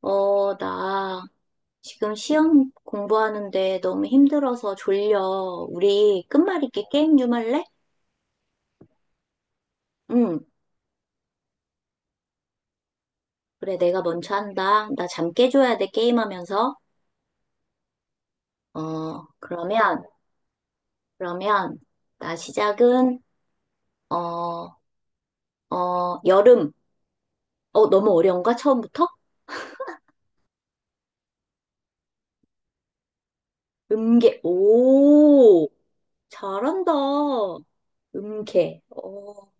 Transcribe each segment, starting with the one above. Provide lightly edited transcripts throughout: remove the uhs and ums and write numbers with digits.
나 지금 시험 공부하는데 너무 힘들어서 졸려. 우리 끝말잇기 게임 좀 할래? 응, 그래, 내가 먼저 한다. 나 잠 깨줘야 돼, 게임하면서. 어, 그러면, 그러면, 나 시작은, 어, 어, 여름. 어, 너무 어려운가? 처음부터? 음계. 오, 잘한다. 음계. 어,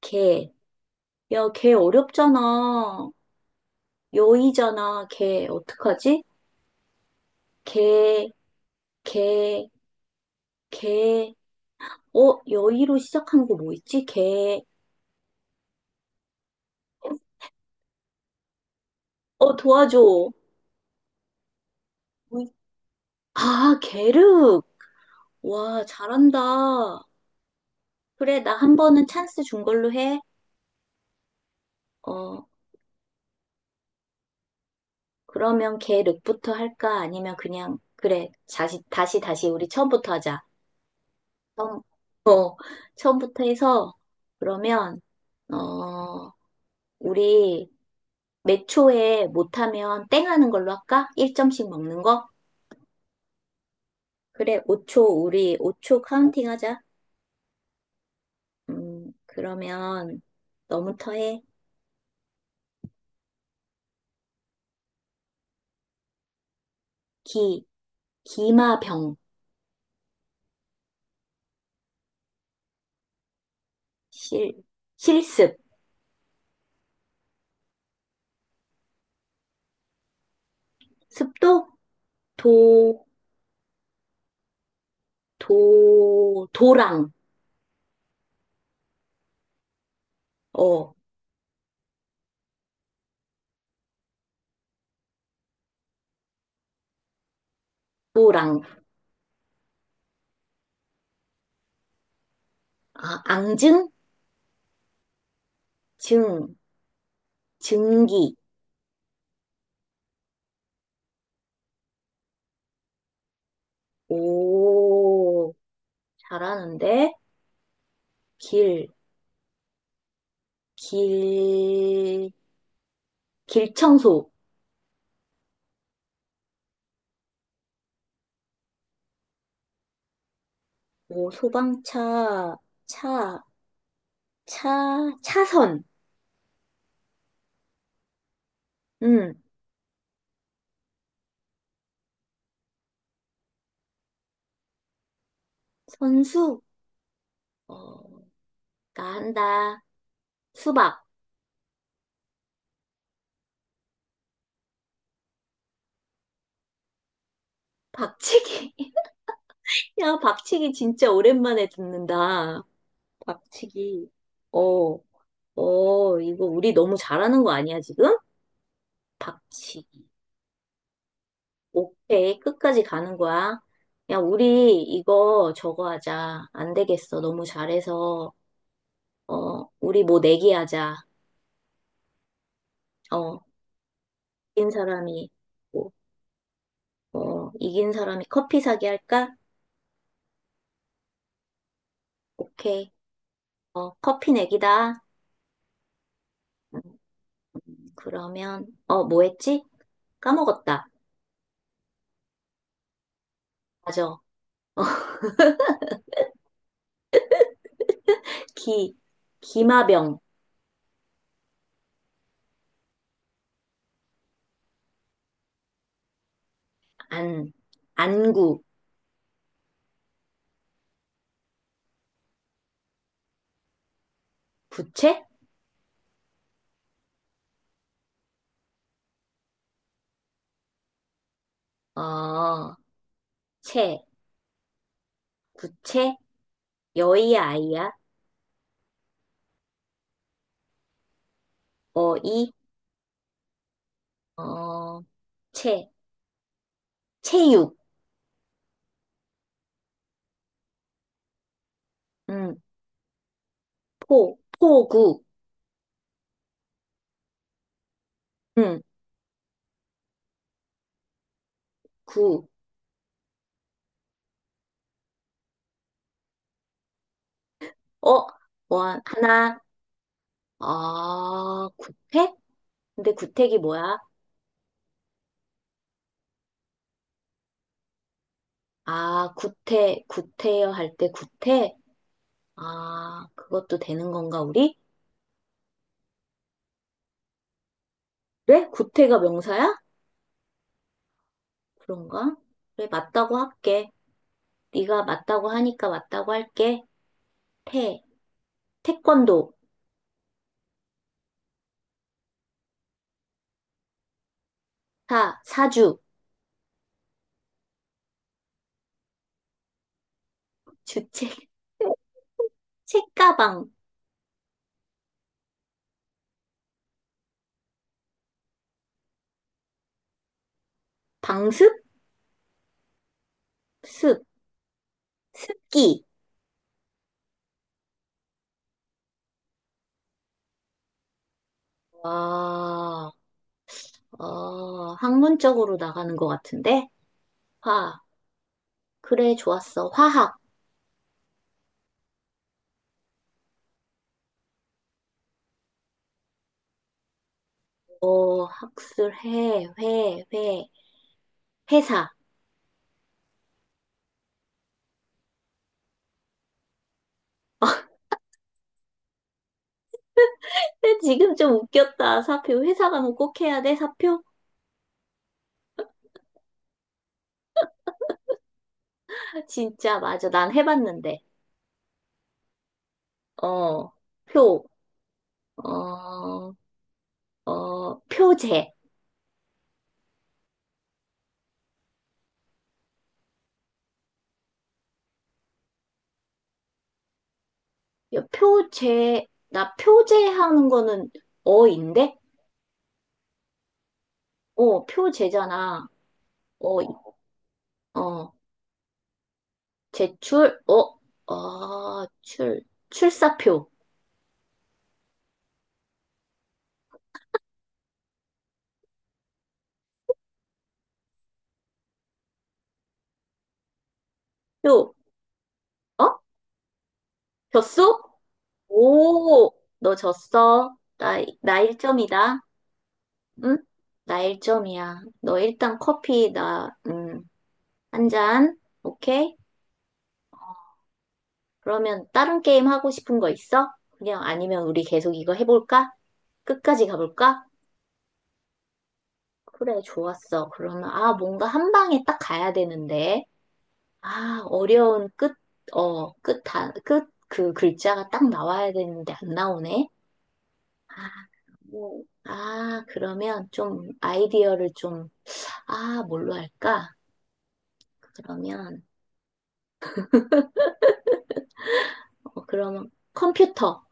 개. 야, 개 어렵잖아. 여의잖아, 개. 어떡하지? 개, 개, 개. 어, 여의로 시작한 거 뭐 있지? 개. 어, 도와줘. 있- 아, 게륵. 와, 잘한다. 그래, 나 한 번은 찬스 준 걸로 해. 어, 그러면 게륵부터 할까? 아니면 그냥, 그래, 다시, 우리 처음부터 하자. 처음, 처음부터 해서, 그러면, 어, 우리 몇 초에 못하면 땡 하는 걸로 할까? 1점씩 먹는 거? 그래, 5초, 우리 5초 카운팅 하자. 그러면 너부터 해. 기, 기마병, 실, 실습, 습도, 도, 도랑, 어, 도랑, 아, 앙증, 증, 증기, 오, 잘하는데, 길, 길, 길청소, 오, 소방차, 차, 차선, 음, 선수, 어, 나 한다. 수박. 박치기. 야, 박치기 진짜 오랜만에 듣는다. 박치기. 어, 이거 우리 너무 잘하는 거 아니야, 지금? 박치기. 오케이. 끝까지 가는 거야. 야, 우리 이거 저거 하자. 안 되겠어. 너무 잘해서. 어, 우리 뭐 내기 하자. 어, 이긴 사람이, 뭐, 어, 이긴 사람이 커피 사기 할까? 오케이. 어, 커피 내기다. 그러면, 어, 뭐 했지? 까먹었다. 맞아. 어, 기, 기마병, 안, 안구, 부채? 어, 채, 구채, 여의야, 아이야, 어이, 어, 채, 체육, 음, 포구, 음, 구, 어, 원, 하나, 어, 구태? 근데 구택이 뭐야? 아, 구태, 구태여 할 때 구태? 아, 그것도 되는 건가, 우리? 그래? 구태가 명사야? 그런가? 그래, 맞다고 할게. 네가 맞다고 하니까 맞다고 할게. 태, 태권도, 사, 사주, 주책, 책가방, 방습, 습, 습기. 와, 어, 학문적으로 나가는 것 같은데? 화, 그래, 좋았어. 화학, 어, 학술해, 회사. 지금 좀 웃겼다. 사표. 회사 가면 꼭 해야 돼, 사표? 진짜, 맞아. 난 해봤는데. 어, 표. 어, 표제. 야, 표제, 나 표제하는 거는 어인데? 어, 표제잖아. 어, 이- 어, 제출, 어, 어, 출, 출사표. 표, 어? 졌어? 오, 너 졌어. 나 1점이다. 응? 나 1점이야. 너 일단 커피, 나, 한 잔. 오케이? 그러면 다른 게임 하고 싶은 거 있어? 그냥 아니면 우리 계속 이거 해볼까? 끝까지 가볼까? 그래, 좋았어. 그러면, 아, 뭔가 한 방에 딱 가야 되는데. 아, 어려운 끝, 어, 끝, 단, 끝, 그 글자가 딱 나와야 되는데 안 나오네. 아, 뭐, 아, 그러면 좀 아이디어를 좀, 아, 뭘로 할까? 그러면, 어, 그러면 컴퓨터,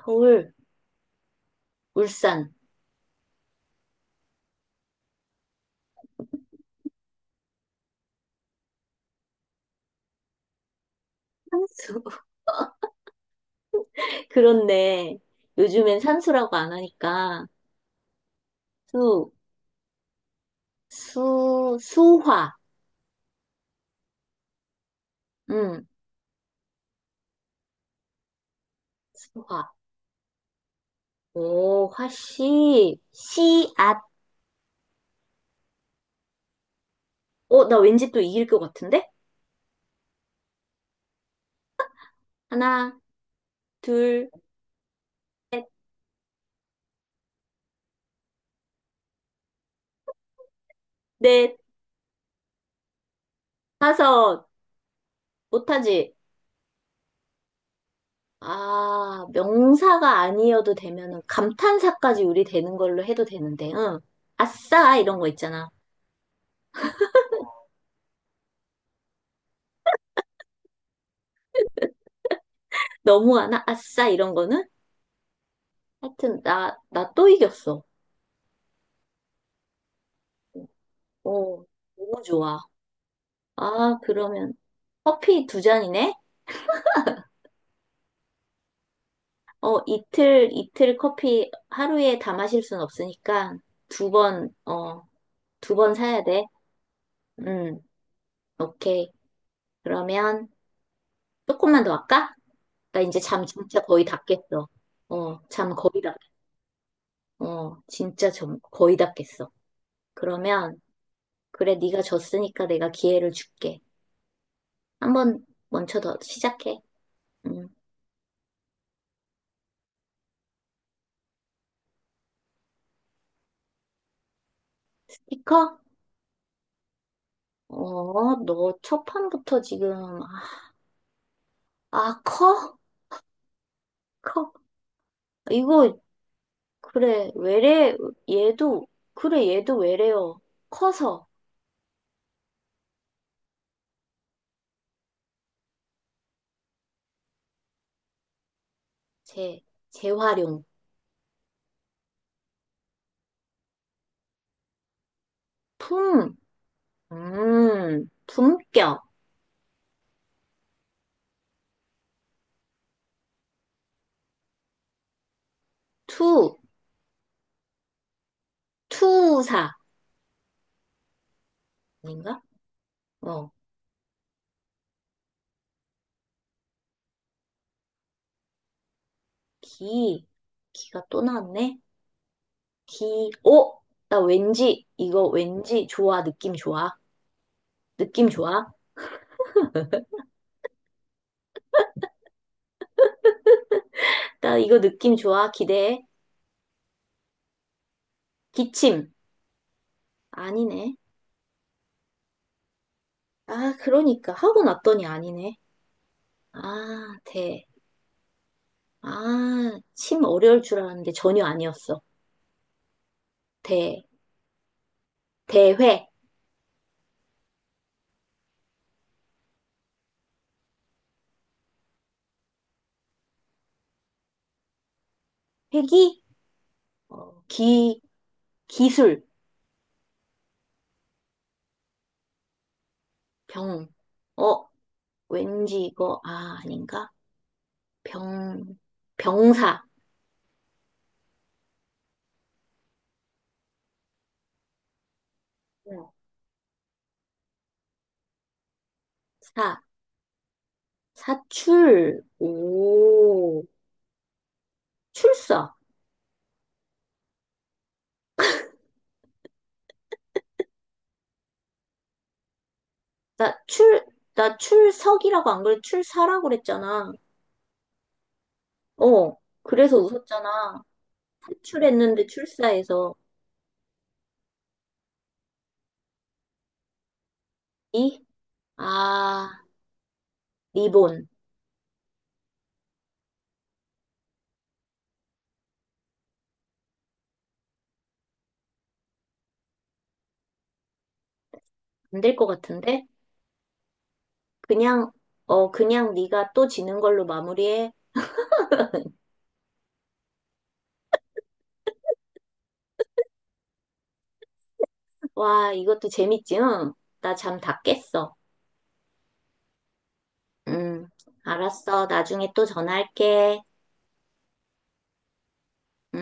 서울, 울산, 산수. 그렇네. 요즘엔 산수라고 안 하니까. 수, 수화. 응, 수화. 오, 화씨, 씨앗. 어, 나 왠지 또 이길 것 같은데? 하나, 둘, 넷, 다섯. 못하지? 아, 명사가 아니어도 되면은 감탄사까지 우리 되는 걸로 해도 되는데, 응. 아싸, 이런 거 있잖아. 너무하나? 아싸, 이런 거는? 하여튼, 나 또 이겼어. 오, 너무 좋아. 아, 그러면 커피 두 잔이네? 어, 이틀 커피 하루에 다 마실 순 없으니까 두 번, 어, 두 번 사야 돼. 음, 오케이. 그러면 조금만 더 할까? 나 이제 잠 진짜 거의 다 깼어. 어, 잠 거의 다, 어, 진짜 점, 거의 다 깼어. 그러면, 그래, 네가 졌으니까 내가 기회를 줄게. 한번 먼저 더 시작해. 음, 스티커? 어, 너 첫 판부터 지금, 아, 아, 커? 커? 이거 그래, 외래, 얘도, 그래, 얘도 외래어. 커서, 재, 재활용. 품, 품격. 투, 투사. 아닌가? 어, 기, 기가 또 나왔네. 기, 오! 나 왠지, 이거 왠지 좋아, 느낌 좋아. 느낌 좋아. 나 이거 느낌 좋아, 기대해. 기침. 아니네. 아, 그러니까. 하고 났더니 아니네. 아, 대. 아, 심 어려울 줄 알았는데 전혀 아니었어. 대, 대회, 회기, 어, 기술, 병. 어, 왠지 이거, 아, 아닌가? 병, 병사, 응. 사, 사출, 오, 출사. 나 출, 나 출석이라고 안 그래? 출사라고 그랬잖아. 어, 그래서 웃었잖아. 출했는데 출사해서. 이, 아, 리본. 안될 것 같은데? 그냥, 어, 그냥 네가 또 지는 걸로 마무리해. 와, 이것도 재밌지, 응? 나 잠 다 깼어. 음, 알았어. 나중에 또 전화할게. 응?